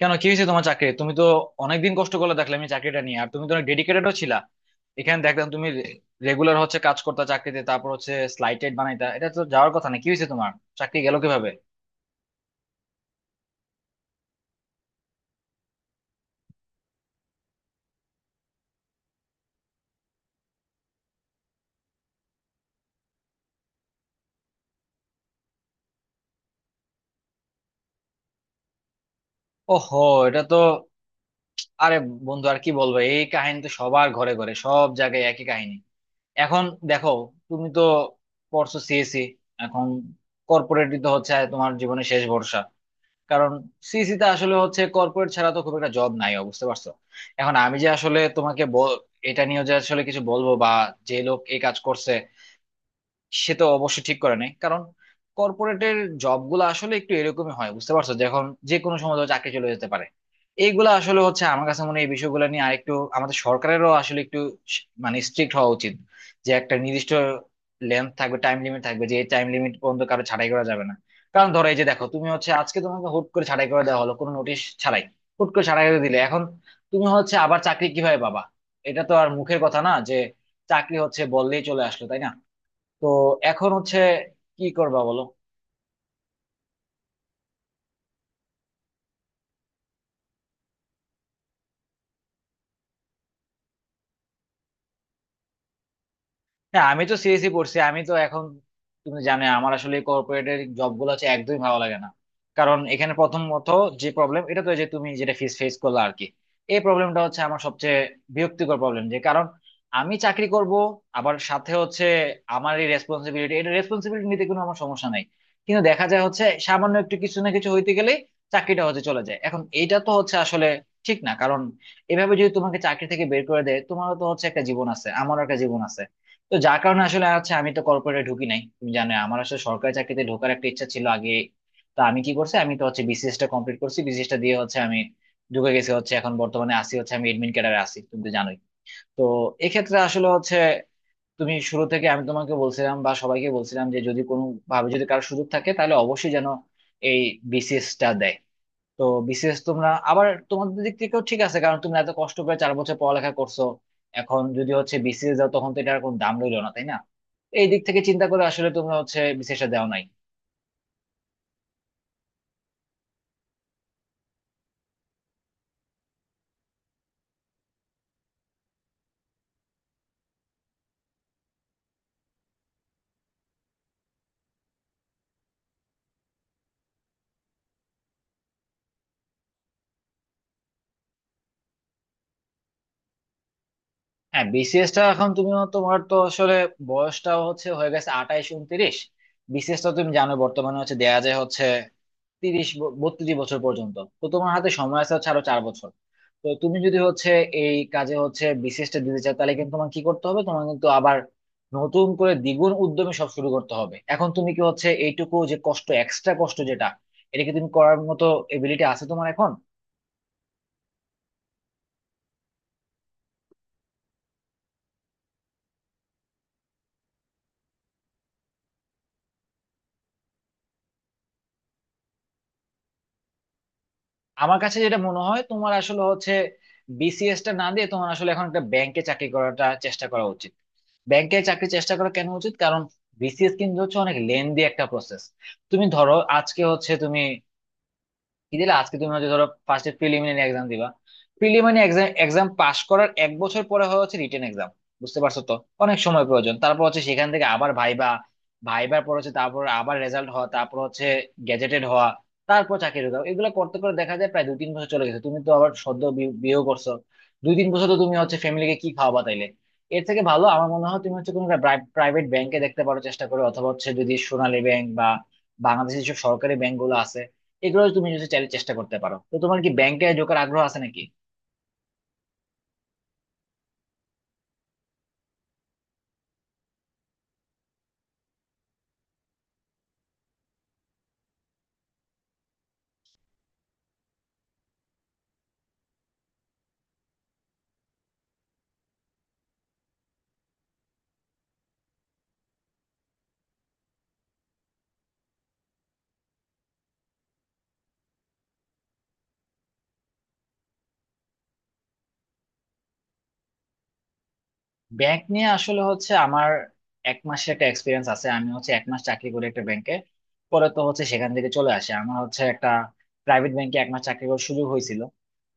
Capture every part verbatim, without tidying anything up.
কেন কি হয়েছে তোমার চাকরি? তুমি তো অনেকদিন কষ্ট করে দেখলে আমি চাকরিটা নিয়ে, আর তুমি তো অনেক ডেডিকেটেডও ছিলা। এখানে দেখলাম তুমি রেগুলার হচ্ছে কাজ করতে চাকরিতে, তারপর হচ্ছে স্লাইটেড বানাইতা, এটা তো যাওয়ার কথা না। কি হয়েছে তোমার? চাকরি গেল কিভাবে? ওহো, এটা তো, আরে বন্ধু আর কি বলবো, এই কাহিনী তো সবার ঘরে ঘরে, সব জায়গায় একই কাহিনী। এখন দেখো, তুমি তো পড়ছো সিএসি, এখন কর্পোরেটই তো হচ্ছে তোমার জীবনে শেষ ভরসা। কারণ সিইসি তে আসলে হচ্ছে কর্পোরেট ছাড়া তো খুব একটা জব নাই, ও, বুঝতে পারছো? এখন আমি যে আসলে তোমাকে বল- এটা নিয়ে যে আসলে কিছু বলবো বা, যে লোক এই কাজ করছে সে তো অবশ্য ঠিক করে নাই। কারণ কর্পোরেটের জব গুলো আসলে একটু এরকমই হয়, বুঝতে পারছো, যে এখন যে কোনো সময় ধরো চাকরি চলে যেতে পারে। এইগুলা আসলে হচ্ছে, আমার কাছে মনে হয় এই বিষয়গুলো নিয়ে আরেকটু আমাদের সরকারেরও আসলে একটু স- মানে স্ট্রিক্ট হওয়া উচিত। যে একটা নির্দিষ্ট লেন্থ থাকবে, টাইম লিমিট থাকবে, যে এই টাইম লিমিট পর্যন্ত কারো ছাঁটাই করা যাবে না। কারণ ধরো এই যে দেখো, তুমি হচ্ছে আজকে তোমাকে হুট করে ছাঁটাই করে দেওয়া হলো কোনো নোটিশ ছাড়াই, হুট করে ছাঁটাই করে দিলে এখন তুমি হচ্ছে আবার চাকরি কিভাবে পাবা? এটা তো আর মুখের কথা না যে চাকরি হচ্ছে বললেই চলে আসলো, তাই না? তো এখন হচ্ছে কি করবা বলো। হ্যাঁ আমি তো সিএসই পড়ছি, আমি তো এখন, তুমি জানো আমার আসলে কর্পোরেটের জব গুলো হচ্ছে একদমই ভালো লাগে না। কারণ এখানে প্রথমত যে প্রবলেম, এটা তো এই যে তুমি যেটা ফেস ফেস করলে আর কি, এই প্রবলেমটা হচ্ছে আমার সবচেয়ে বিরক্তিকর প্রবলেম। যে কারণ আমি চাকরি করব, আবার সাথে হচ্ছে আমার এই রেসপন্সিবিলিটি, এটা রেসপন্সিবিলিটি নিতে কোনো আমার সমস্যা নাই, কিন্তু দেখা যায় হচ্ছে সামান্য একটু কিছু না কিছু হইতে গেলে চাকরিটা হচ্ছে চলে যায়। এখন এইটা তো হচ্ছে আসলে ঠিক না। কারণ এভাবে যদি তোমাকে চাকরি থেকে বের করে দেয়, তোমারও তো হচ্ছে একটা জীবন আছে, আমারও একটা জীবন আছে। তো যার কারণে আসলে আছে, আমি তো কর্পোরেটে ঢুকি নাই, তুমি জানো আমার আসলে সরকারি চাকরিতে ঢোকার একটা ইচ্ছা ছিল আগে। তো আমি কি করছি, আমি তো হচ্ছে বিসিএস টা কমপ্লিট করছি, বিসিএস টা দিয়ে হচ্ছে আমি ঢুকে গেছি হচ্ছে এখন বর্তমানে, আসি হচ্ছে আমি এডমিন ক্যাডারে আসি, তুমি তো জানোই। তো এক্ষেত্রে আসলে হচ্ছে, তুমি শুরু থেকে আমি তোমাকে বলছিলাম বা সবাইকে বলছিলাম যে যদি কোনো ভাবে যদি কারো সুযোগ থাকে তাহলে অবশ্যই যেন এই বিসিএস টা দেয়। তো বিসিএস তোমরা আবার তোমাদের দিক থেকেও ঠিক আছে, কারণ তোমরা এত কষ্ট করে চার বছর পড়ালেখা করছো, এখন যদি হচ্ছে বিসিএস দাও তখন তো এটার কোনো দাম রইলো না, তাই না? এই দিক থেকে চিন্তা করে আসলে তোমরা হচ্ছে বিসিএস টা দেও নাই। হ্যাঁ বিসিএস টা এখন তুমি, তোমার তো আসলে বয়সটা হচ্ছে হয়ে গেছে আঠাইশ উনত্রিশ। বিসিএস টা তুমি জানো বর্তমানে হচ্ছে দেয়া যায় হচ্ছে তিরিশ ব- বত্রিশ বছর পর্যন্ত। তো তোমার হাতে সময় আছে হচ্ছে আরো চার বছর। তো তুমি যদি হচ্ছে এই কাজে হচ্ছে বিসিএসটা দিতে চাও, তাহলে কিন্তু তোমার কি করতে হবে, তোমার কিন্তু আবার নতুন করে দ্বিগুণ উদ্যমে সব শুরু করতে হবে। এখন তুমি কি হচ্ছে এইটুকু যে কষ্ট, এক্সট্রা কষ্ট যেটা, এটা কি তুমি করার মতো এবিলিটি আছে তোমার এখন? আমার কাছে যেটা মনে হয়, তোমার আসলে হচ্ছে বিসিএস টা না দিয়ে তোমার আসলে এখন একটা ব্যাংকে চাকরি করাটা চেষ্টা করা উচিত। ব্যাংকে চাকরি চেষ্টা করা কেন উচিত, কারণ বিসিএস কিন্তু হচ্ছে অনেক লেন্দি একটা প্রসেস। তুমি ধরো আজকে হচ্ছে তুমি কি দিলে, আজকে তুমি হচ্ছে ধরো ফার্স্টে প্রিলিমিনারি এক্সাম দিবা, প্রিলিমিনারি এক্সাম এক্সাম পাশ করার এক বছর পরে হয় হচ্ছে রিটেন এক্সাম। বুঝতে পারছো তো, অনেক সময় প্রয়োজন, তারপর হচ্ছে সেখান থেকে আবার ভাইবা। ভাইবার পর হচ্ছে তারপর আবার রেজাল্ট হওয়া, তারপর হচ্ছে গেজেটেড হওয়া, তারপর চাকরি ঢোকা, এগুলো করতে করে দেখা যায় প্রায় দুই তিন বছর চলে গেছে। তুমি তো আবার সদ্য বি- বিয়েও করছো, দুই তিন বছর তো তুমি হচ্ছে ফ্যামিলিকে কি খাওয়াবা তাইলে? এর থেকে ভালো আমার মনে হয় তুমি হচ্ছে কোনো প্রাইভেট ব্যাংকে দেখতে পারো, চেষ্টা করো। অথবা হচ্ছে যদি সোনালী ব্যাংক বা বাংলাদেশের যেসব সরকারি ব্যাংক গুলো আছে, এগুলো তুমি যদি চাইলে চেষ্টা করতে পারো। তো তোমার কি ব্যাংকে ঢোকার আগ্রহ আছে নাকি? ব্যাংক নিয়ে আসলে হচ্ছে আমার এক মাসের একটা এক্সপিরিয়েন্স আছে, আমি হচ্ছে এক মাস চাকরি করি একটা ব্যাংকে, পরে তো হচ্ছে সেখান থেকে চলে আসে। আমার হচ্ছে একটা প্রাইভেট ব্যাংকে এক মাস চাকরি করার সুযোগ হয়েছিল।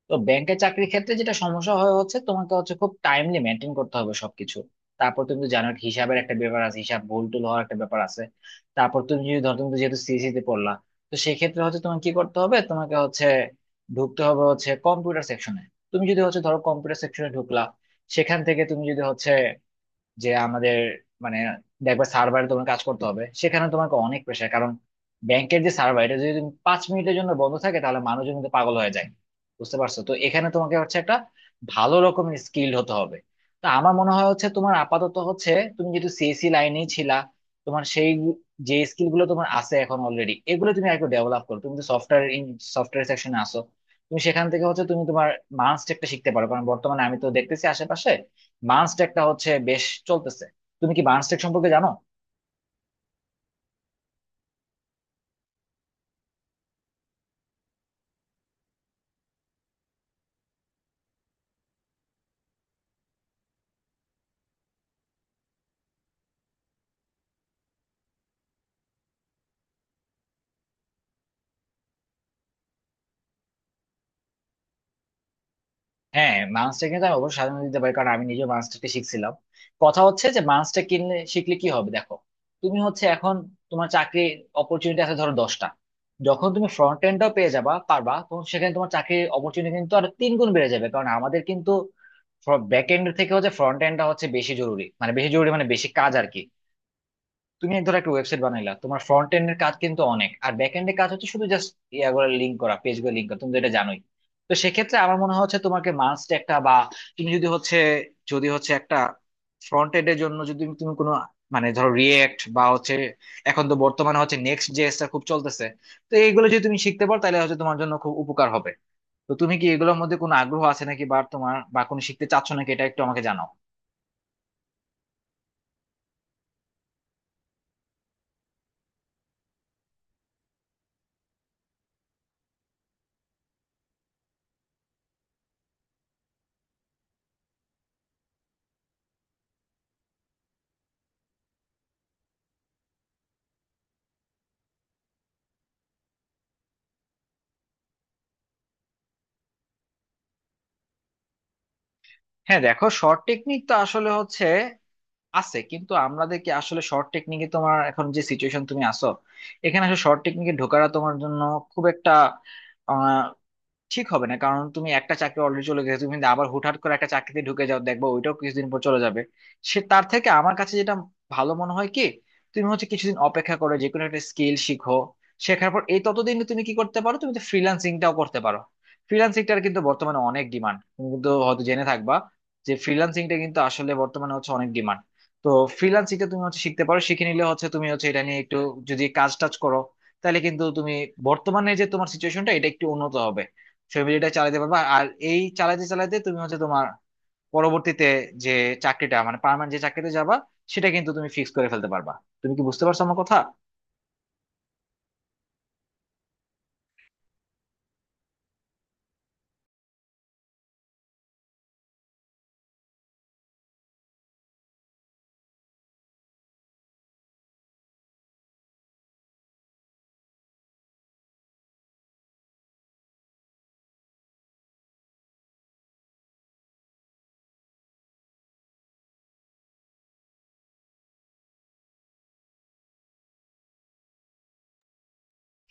তো ব্যাংকের চাকরির ক্ষেত্রে যেটা সমস্যা হয় হচ্ছে, তোমাকে হচ্ছে খুব টাইমলি মেনটেন করতে হবে সবকিছু। তারপর তুমি তো জানো, হিসাবের একটা ব্যাপার আছে, হিসাব ভুল টুল হওয়ার একটা ব্যাপার আছে। তারপর তুমি যদি ধর, তুমি তো যেহেতু সিএসসি তে পড়লা, তো সেক্ষেত্রে হচ্ছে তোমাকে কি করতে হবে, তোমাকে হচ্ছে ঢুকতে হবে হচ্ছে কম্পিউটার সেকশনে। তুমি যদি হচ্ছে ধরো কম্পিউটার সেকশনে ঢুকলা, সেখান থেকে তুমি যদি হচ্ছে যে আমাদের মানে, দেখবে সার্ভারে তোমার কাজ করতে হবে, সেখানে তোমাকে অনেক প্রেশার। কারণ ব্যাংকের যে সার্ভার, এটা যদি তুমি পাঁচ মিনিটের জন্য বন্ধ থাকে, তাহলে মানুষজন কিন্তু পাগল হয়ে যায়। বুঝতে পারছো তো, এখানে তোমাকে হচ্ছে একটা ভালো রকমের স্কিল হতে হবে। তো আমার মনে হয় হচ্ছে তোমার আপাতত হচ্ছে, তুমি যেহেতু সিএসসি লাইনেই ছিলা, তোমার সেই যে স্কিল গুলো তোমার আছে এখন অলরেডি, এগুলো তুমি একটু ডেভেলপ করো। তুমি তো সফটওয়্যার সফটওয়্যার সেকশনে আসো, তুমি সেখান থেকে হচ্ছে তুমি তোমার মাস্ট একটা শিখতে পারো। কারণ বর্তমানে আমি তো দেখতেছি আশেপাশে বার্নসটেকটা হচ্ছে বেশ চলতেছে। তুমি কি বার্নসটেক সম্পর্কে জানো? হ্যাঁ বার্নসটেক কিন্তু আমি অবশ্যই সাজেশন দিতে পারি, কারণ আমি নিজে বার্নসটেকটা শিখছিলাম। কথা হচ্ছে যে বার্নসটেক কিনলে শিখলে কি হবে দেখো, তুমি হচ্ছে এখন তোমার চাকরির অপরচুনিটি আছে ধরো দশটা, যখন তুমি ফ্রন্ট এন্ডটাও পেয়ে যাবা পারবা, তখন সেখানে তোমার চাকরির অপরচুনিটি কিন্তু আর তিন গুণ বেড়ে যাবে। কারণ আমাদের কিন্তু ব্যাক এন্ড থেকে হচ্ছে ফ্রন্ট এন্ডটা হচ্ছে বেশি জরুরি, মানে বেশি জরুরি মানে বেশি কাজ আর কি। তুমি ধরো একটা ওয়েবসাইট বানাইলা, তোমার ফ্রন্ট এন্ড এর কাজ কিন্তু অনেক, আর ব্যাক এন্ড এর কাজ হচ্ছে শুধু জাস্ট ইয়াগুলো লিঙ্ক করা, পেজ গুলো লিঙ্ক করা, তুমি তো এটা জানোই। তো সেক্ষেত্রে আমার মনে হয় হচ্ছে তোমাকে মাস্ট একটা, বা তুমি যদি হচ্ছে, যদি হচ্ছে একটা ফ্রন্ট এন্ড এর জন্য যদি তুমি কোনো, মানে ধরো রিয়েক্ট বা হচ্ছে এখন তো বর্তমানে হচ্ছে নেক্সট জেএসটা খুব চলতেছে, তো এইগুলো যদি তুমি শিখতে পারো তাহলে হচ্ছে তোমার জন্য খুব উপকার হবে। তো তুমি কি এগুলোর মধ্যে কোনো আগ্রহ আছে নাকি, বা তোমার বা কোনো শিখতে চাচ্ছ নাকি, এটা একটু আমাকে জানাও। হ্যাঁ দেখো, শর্ট টেকনিক তো আসলে হচ্ছে আছে, কিন্তু আমাদেরকে আসলে শর্ট টেকনিকে, তোমার এখন যে সিচুয়েশন তুমি আসো, এখানে আসলে শর্ট টেকনিকে ঢোকাটা তোমার জন্য খুব একটা ঠিক হবে না। কারণ তুমি একটা চাকরি অলরেডি চলে গেছে, তুমি যদি আবার হুটহাট করে একটা চাকরিতে ঢুকে যাও, দেখবো ওইটাও কিছুদিন পর চলে যাবে। সে তার থেকে আমার কাছে যেটা ভালো মনে হয় কি, তুমি হচ্ছে কিছুদিন অপেক্ষা করো, যে কোনো একটা স্কিল শিখো। শেখার পর, এই ততদিন তুমি কি করতে পারো, তুমি তো ফ্রিল্যান্সিংটাও করতে পারো। ফ্রিল্যান্সিংটার কিন্তু বর্তমানে অনেক ডিমান্ড, তুমি কিন্তু হয়তো জেনে থাকবা যে ফ্রিল্যান্সিংটা কিন্তু আসলে বর্তমানে হচ্ছে অনেক ডিমান্ড। তো ফ্রিল্যান্সিংটা তুমি হচ্ছে শিখতে পারো, শিখে নিলে হচ্ছে তুমি হচ্ছে এটা নিয়ে একটু যদি কাজ টাজ করো, তাহলে কিন্তু তুমি বর্তমানে যে তোমার সিচুয়েশনটা, এটা একটু উন্নত হবে, ফ্যামিলিটা চালাতে পারবা। আর এই চালাতে চালাতে তুমি হচ্ছে তোমার পরবর্তীতে যে চাকরিটা মানে পার্মানেন্ট যে চাকরিতে যাবা, সেটা কিন্তু তুমি ফিক্স করে ফেলতে পারবা। তুমি কি বুঝতে পারছো আমার কথা?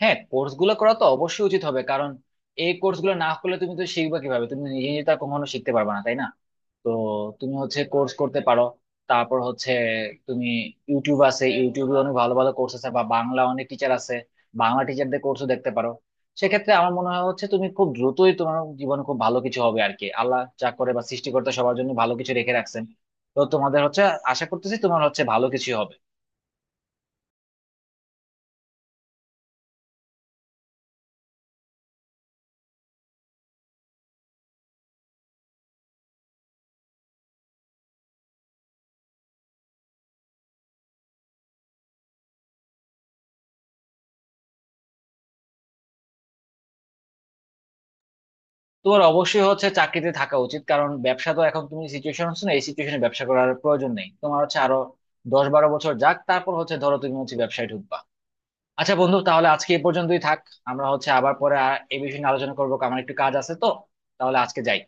হ্যাঁ কোর্স গুলো করা তো অবশ্যই উচিত হবে, কারণ এই কোর্স গুলো না করলে তুমি তো শিখবা কিভাবে, তুমি তো নিজে নিজে তো আর কখনো শিখতে পারবে না, তাই না? তো তুমি হচ্ছে কোর্স করতে পারো, তারপর হচ্ছে তুমি ইউটিউব আছে, ইউটিউবে অনেক ভালো ভালো কোর্স আছে, বা বাংলা অনেক টিচার আছে, বাংলা টিচারদের কোর্সও দেখতে পারো। সেক্ষেত্রে আমার মনে হয় হচ্ছে তুমি খুব দ্রুতই তোমার জীবনে খুব ভালো কিছু হবে আর কি। আল্লাহ যা করে, বা সৃষ্টিকর্তা সবার জন্য ভালো কিছু রেখে রাখছেন। তো তোমাদের হচ্ছে, আশা করতেছি তোমার হচ্ছে ভালো কিছু হবে। তোর অবশ্যই হচ্ছে চাকরিতে থাকা উচিত, কারণ ব্যবসা তো এখন তুমি সিচুয়েশন হচ্ছে না, এই সিচুয়েশনে ব্যবসা করার প্রয়োজন নেই। তোমার হচ্ছে আরো দশ বারো বছর যাক, তারপর হচ্ছে ধরো তুমি হচ্ছে ব্যবসায় ঢুকবা। আচ্ছা বন্ধু, তাহলে আজকে এই পর্যন্তই থাক, আমরা হচ্ছে আবার পরে আর এই বিষয়ে নিয়ে আলোচনা করবো, কারণ আমার একটু কাজ আছে। তো তাহলে আজকে যাই।